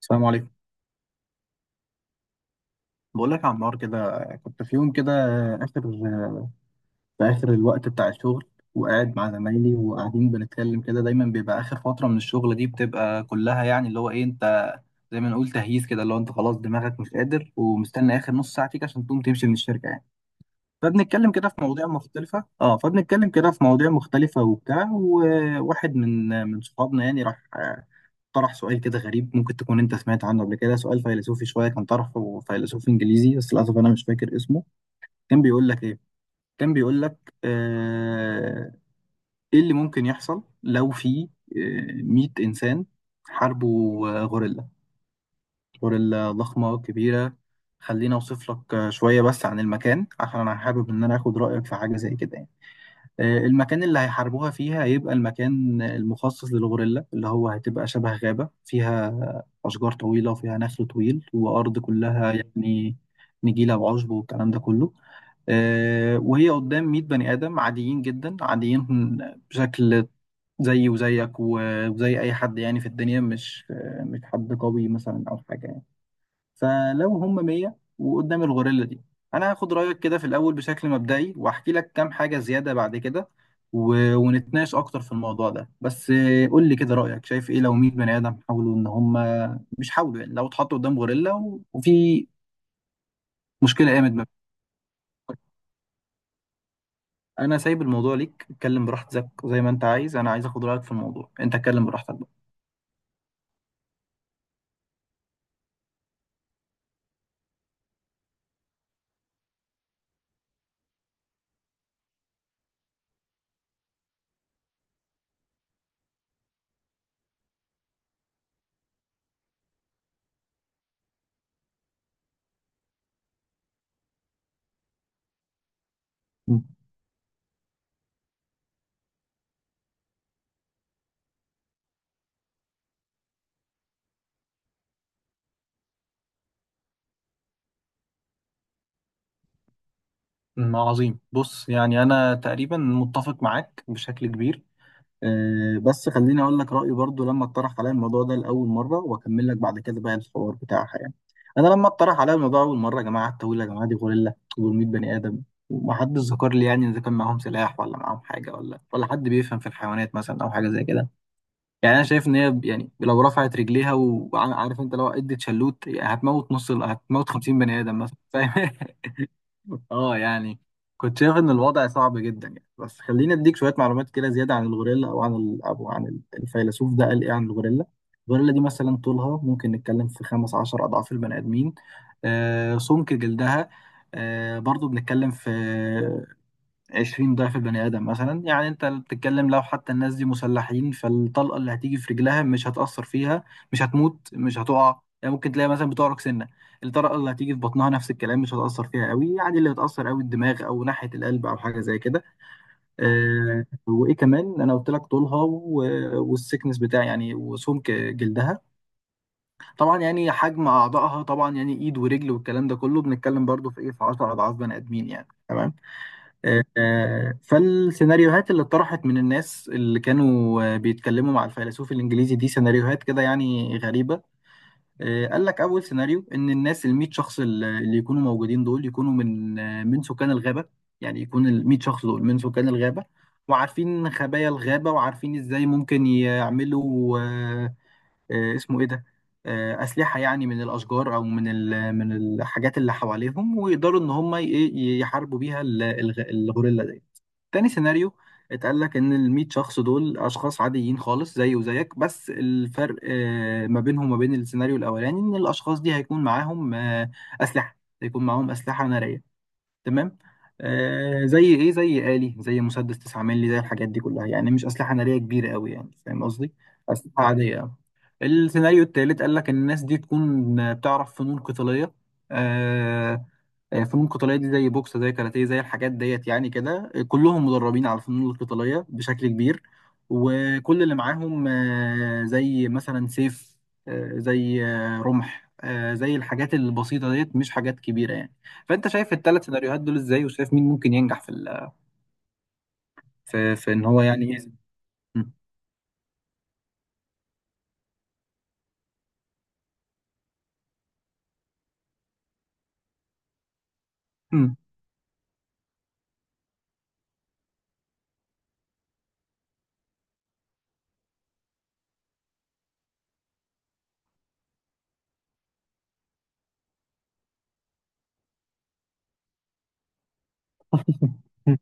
السلام عليكم. بقول لك يا عمار، كده كنت في يوم كده اخر في اخر الوقت بتاع الشغل، وقاعد مع زمايلي وقاعدين بنتكلم كده. دايما بيبقى اخر فتره من الشغل دي بتبقى كلها يعني اللي هو ايه انت، زي ما نقول تهييس كده، اللي هو انت خلاص دماغك مش قادر ومستني اخر نص ساعه فيك عشان تقوم تمشي من الشركه يعني. فبنتكلم كده في مواضيع مختلفة، فبنتكلم كده في مواضيع مختلفة وبتاع. وواحد من صحابنا يعني راح، طرح سؤال كده غريب. ممكن تكون انت سمعت عنه قبل كده، سؤال فيلسوفي شوية. كان طرحه فيلسوف انجليزي، بس للأسف انا مش فاكر اسمه. كان بيقول لك ايه كان بيقول لك ايه اللي ممكن يحصل لو في 100 انسان حاربوا غوريلا، غوريلا ضخمة كبيرة. خليني اوصف لك شوية بس عن المكان، عشان انا حابب ان انا اخد رأيك في حاجة زي كده يعني. المكان اللي هيحاربوها فيها هيبقى المكان المخصص للغوريلا، اللي هو هتبقى شبه غابة فيها أشجار طويلة وفيها نخل طويل وأرض كلها يعني نجيلة وعشب والكلام ده كله. وهي قدام 100 بني آدم عاديين جدا، عاديين بشكل، زي وزيك وزي أي حد يعني في الدنيا. مش مش حد قوي مثلا أو حاجة يعني. فلو هم 100 وقدام الغوريلا دي، انا هاخد رايك كده في الاول بشكل مبدئي واحكي لك كام حاجه زياده بعد كده. ونتناقش اكتر في الموضوع ده، بس قول لي كده رايك، شايف ايه لو 100 بني ادم حاولوا ان هم، مش حاولوا يعني، لو اتحطوا قدام غوريلا وفي مشكله قامت ما بينهم. انا سايب الموضوع ليك، اتكلم براحتك زي ما انت عايز. انا عايز اخد رايك في الموضوع، انت اتكلم براحتك بقى. عظيم. بص يعني انا تقريبا متفق معاك بشكل كبير، بس خليني اقول لك رايي برضو لما اتطرح عليا الموضوع ده لاول مره، واكمل لك بعد كده بقى الحوار بتاعها يعني. انا لما اتطرح عليا الموضوع اول مره يا جماعه، التاويل يا جماعه دي غوريلا، 400 بني ادم. ومحدش ذكر لي يعني اذا كان معاهم سلاح ولا معاهم حاجه ولا حد بيفهم في الحيوانات مثلا او حاجه زي كده. يعني انا شايف ان هي يعني لو رفعت رجليها وعارف انت لو ادت شلوت يعني هتموت نص هتموت 50 بني ادم مثلا، فاهم؟ اه يعني كنت شايف ان الوضع صعب جدا يعني. بس خليني اديك شويه معلومات كده زياده عن الغوريلا، او عن الفيلسوف ده قال ايه عن الغوريلا. الغوريلا دي مثلا طولها ممكن نتكلم في 15 اضعاف البني ادمين. سمك جلدها برضو بنتكلم في 20 ضعف البني آدم مثلا. يعني انت بتتكلم لو حتى الناس دي مسلحين، فالطلقة اللي هتيجي في رجلها مش هتأثر فيها، مش هتموت، مش هتقع. يعني ممكن تلاقي مثلا بتعرق سنة. الطلقة اللي هتيجي في بطنها نفس الكلام، مش هتأثر فيها قوي. يعني اللي هتأثر قوي الدماغ أو ناحية القلب أو حاجة زي كده. أه، وإيه كمان؟ أنا قلت لك طولها والسكنس بتاع يعني، وسمك جلدها. طبعا يعني حجم أعضائها طبعا يعني إيد ورجل والكلام ده كله، بنتكلم برضو في إيه، في 10 أضعاف بني آدمين يعني. تمام. فالسيناريوهات اللي اتطرحت من الناس اللي كانوا بيتكلموا مع الفيلسوف الإنجليزي دي سيناريوهات كده يعني غريبة. قال لك أول سيناريو إن الناس الميت شخص اللي يكونوا موجودين دول يكونوا من من سكان الغابة. يعني يكون الميت شخص دول من سكان الغابة، وعارفين خبايا الغابة وعارفين إزاي ممكن يعملوا، اسمه ايه ده، اسلحه. يعني من الاشجار او من من الحاجات اللي حواليهم، ويقدروا ان هم يحاربوا بيها الغوريلا دي. تاني سيناريو، اتقال لك ان ال 100 شخص دول اشخاص عاديين خالص زي وزيك، بس الفرق ما بينهم وما بين السيناريو الاولاني ان الاشخاص دي هيكون معاهم اسلحه، هيكون معاهم اسلحه ناريه. تمام. زي ايه؟ زي آلي، زي مسدس 9 مللي، زي الحاجات دي كلها يعني. مش اسلحه ناريه كبيره قوي يعني، فاهم قصدي؟ اسلحه عاديه أوي. السيناريو التالت قال لك ان الناس دي تكون بتعرف فنون قتاليه. آه فنون قتاليه دي زي بوكس، زي كاراتيه، زي الحاجات ديت يعني، كده كلهم مدربين على الفنون القتاليه بشكل كبير. وكل اللي معاهم زي مثلا سيف، زي رمح، زي الحاجات البسيطه ديت مش حاجات كبيره يعني. فانت شايف الثلاث سيناريوهات دول ازاي؟ وشايف مين ممكن ينجح في في ان هو يعني ايه؟ مم. مم. مم.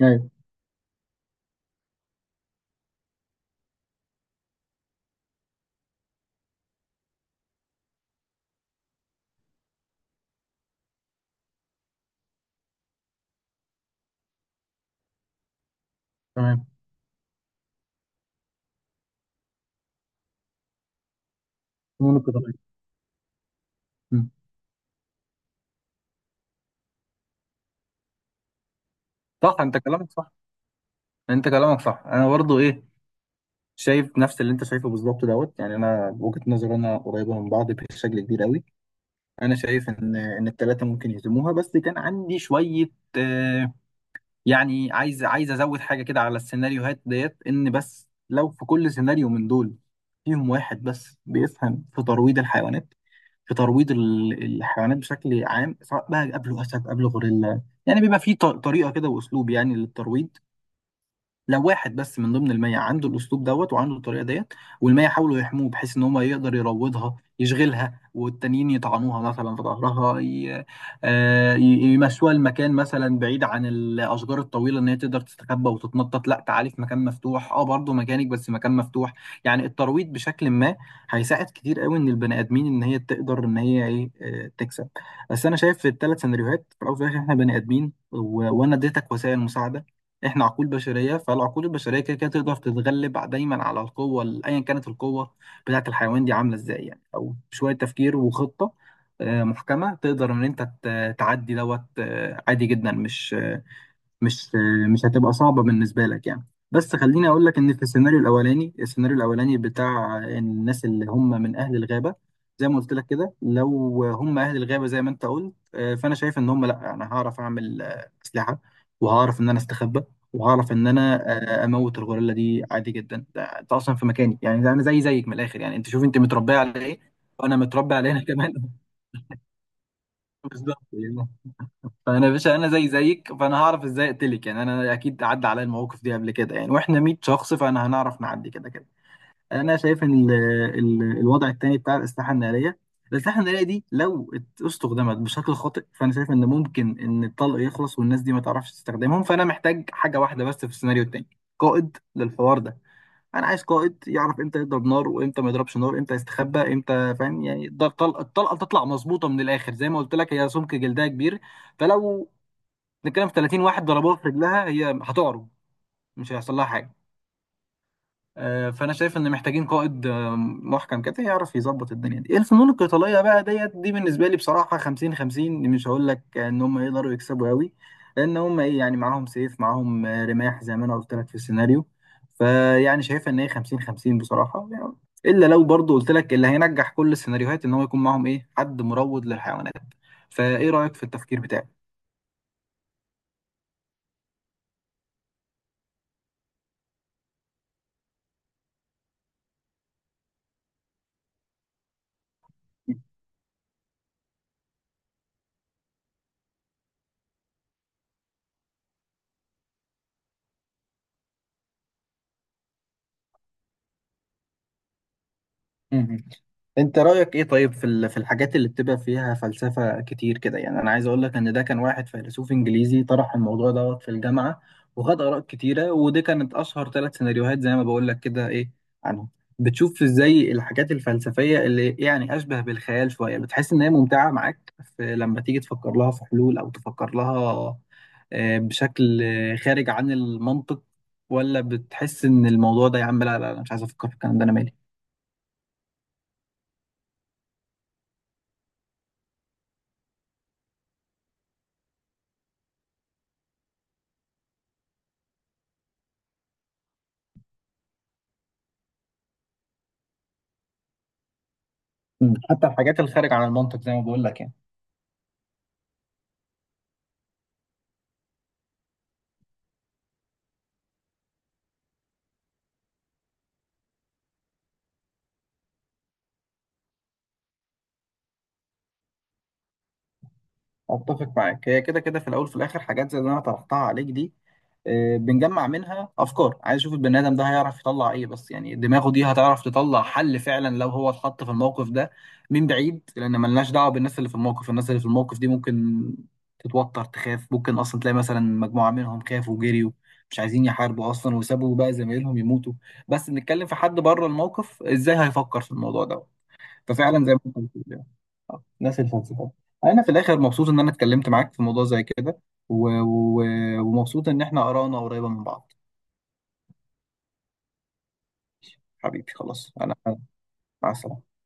ايوه. تمام. فنون القتالية. مم. صح، انت كلامك صح. انا برضو ايه، شايف نفس اللي انت شايفه بالظبط دوت. يعني انا وجهة نظري انا قريبة من بعض بشكل كبير قوي. انا شايف ان الثلاثه ممكن يهزموها، بس كان عندي شوية، آه يعني عايز ازود حاجه كده على السيناريوهات ديت. ان بس لو في كل سيناريو من دول فيهم واحد بس بيفهم في ترويض الحيوانات، في ترويض الحيوانات بشكل عام، سواء بقى قبله اسد قبله غوريلا، يعني بيبقى في طريقه كده واسلوب يعني للترويض. لو واحد بس من ضمن المية عنده الأسلوب دوت وعنده الطريقة ديت، والمية حاولوا يحموه بحيث إن هو يقدر يروضها يشغلها، والتانيين يطعنوها مثلا في ظهرها، آه، ي- يمشوها المكان مثلا بعيد عن الأشجار الطويلة إن هي تقدر تستخبى وتتنطط. لا، تعالي في مكان مفتوح، أه برضه مكانك بس مكان مفتوح. يعني الترويض بشكل ما هيساعد كتير قوي إن البني آدمين إن هي تقدر إن هي إيه، تكسب. بس أنا شايف في الثلاث سيناريوهات في الأول وفي الآخر، إحنا بني آدمين وأنا اديتك وسائل مساعدة. احنا عقول بشريه، فالعقول البشريه كده كده تقدر تتغلب دايما على القوه، ايا كانت القوه بتاعه الحيوان دي عامله ازاي يعني. او بشويه تفكير وخطه محكمه تقدر ان انت تعدي دوت عادي جدا، مش مش هتبقى صعبة بالنسبة لك يعني. بس خليني أقول لك إن في السيناريو الأولاني، بتاع الناس اللي هم من أهل الغابة، زي ما قلت لك كده لو هم أهل الغابة زي ما أنت قلت، فأنا شايف إن هم لأ، أنا هعرف أعمل أسلحة، وهعرف إن أنا أستخبى، وهعرف إن أنا أموت الغوريلا دي عادي جدا. ده أنت أصلا في مكاني يعني، ده أنا زي زيك من الآخر يعني. أنت شوف أنت متربية على إيه، وأنا متربي على هنا كمان. بالظبط. فانا يا باشا انا زي زيك، فانا هعرف ازاي اقتلك يعني. انا اكيد عدى عليا المواقف دي قبل كده يعني، واحنا 100 شخص فانا هنعرف نعدي كده كده. انا شايف ان ال ال الوضع التاني بتاع الاسلحه الناريه، الاسلحه الناريه دي لو استخدمت بشكل خاطئ، فانا شايف ان ممكن ان الطلق يخلص والناس دي ما تعرفش تستخدمهم. فانا محتاج حاجه واحده بس في السيناريو التاني، قائد للحوار ده. انا عايز قائد يعرف امتى يضرب نار وامتى ما يضربش نار، امتى يستخبى امتى، فاهم يعني. ده الطلقه، تطلع مظبوطه من الاخر. زي ما قلت لك هي سمك جلدها كبير، فلو نتكلم في 30 واحد ضربوها في رجلها هي هتعرج، مش هيحصل لها حاجه. فانا شايف ان محتاجين قائد محكم كده يعرف يظبط الدنيا دي. الفنون القتاليه بقى ديت دي بالنسبه لي بصراحه 50 50، مش هقول لك ان هم يقدروا يكسبوا قوي. لان هم ايه يعني، معاهم سيف، معاهم رماح زي ما انا قلت لك في السيناريو. فيعني شايف ان هي 50 50 بصراحه يعني. الا لو برضو قلت لك اللي هينجح كل السيناريوهات ان هو يكون معاهم ايه، حد مروض للحيوانات. فايه رايك في التفكير بتاعي؟ مهم. انت رأيك ايه طيب في في الحاجات اللي بتبقى فيها فلسفة كتير كده يعني؟ انا عايز اقول لك ان ده كان واحد فيلسوف انجليزي طرح الموضوع دوت في الجامعة، وخد آراء كتيرة، ودي كانت اشهر ثلاث سيناريوهات زي ما بقول لك كده، ايه عنهم. بتشوف ازاي الحاجات الفلسفية اللي يعني اشبه بالخيال شوية بتحس ان هي ممتعة معاك في لما تيجي تفكر لها في حلول او تفكر لها، بشكل خارج عن المنطق؟ ولا بتحس ان الموضوع ده يا عم، لا لا لا، مش عايز افكر في الكلام ده انا مالي؟ مم. حتى الحاجات الخارج عن المنطق زي ما بقول لك يعني. اتفق معاك، هي كده كده في الاول في الاخر حاجات زي اللي انا طرحتها عليك دي، بنجمع منها افكار. عايز اشوف البني ادم ده هيعرف يطلع ايه، بس يعني دماغه دي هتعرف تطلع حل فعلا لو هو اتحط في الموقف ده؟ من بعيد، لان ملناش دعوه بالناس اللي في الموقف. الناس اللي في الموقف دي ممكن تتوتر تخاف، ممكن اصلا تلاقي مثلا مجموعه منهم خافوا وجريوا، مش عايزين يحاربوا اصلا وسابوا بقى زمايلهم يموتوا. بس بنتكلم في حد بره الموقف ازاي هيفكر في الموضوع ده. ففعلا زي ما انت بتقول يعني. ناس الفلسفه. انا في الاخر مبسوط ان انا اتكلمت معاك في موضوع زي كده، و... و... ومبسوط ان احنا ارانا قريبه من بعض. حبيبي خلاص، انا مع السلامه.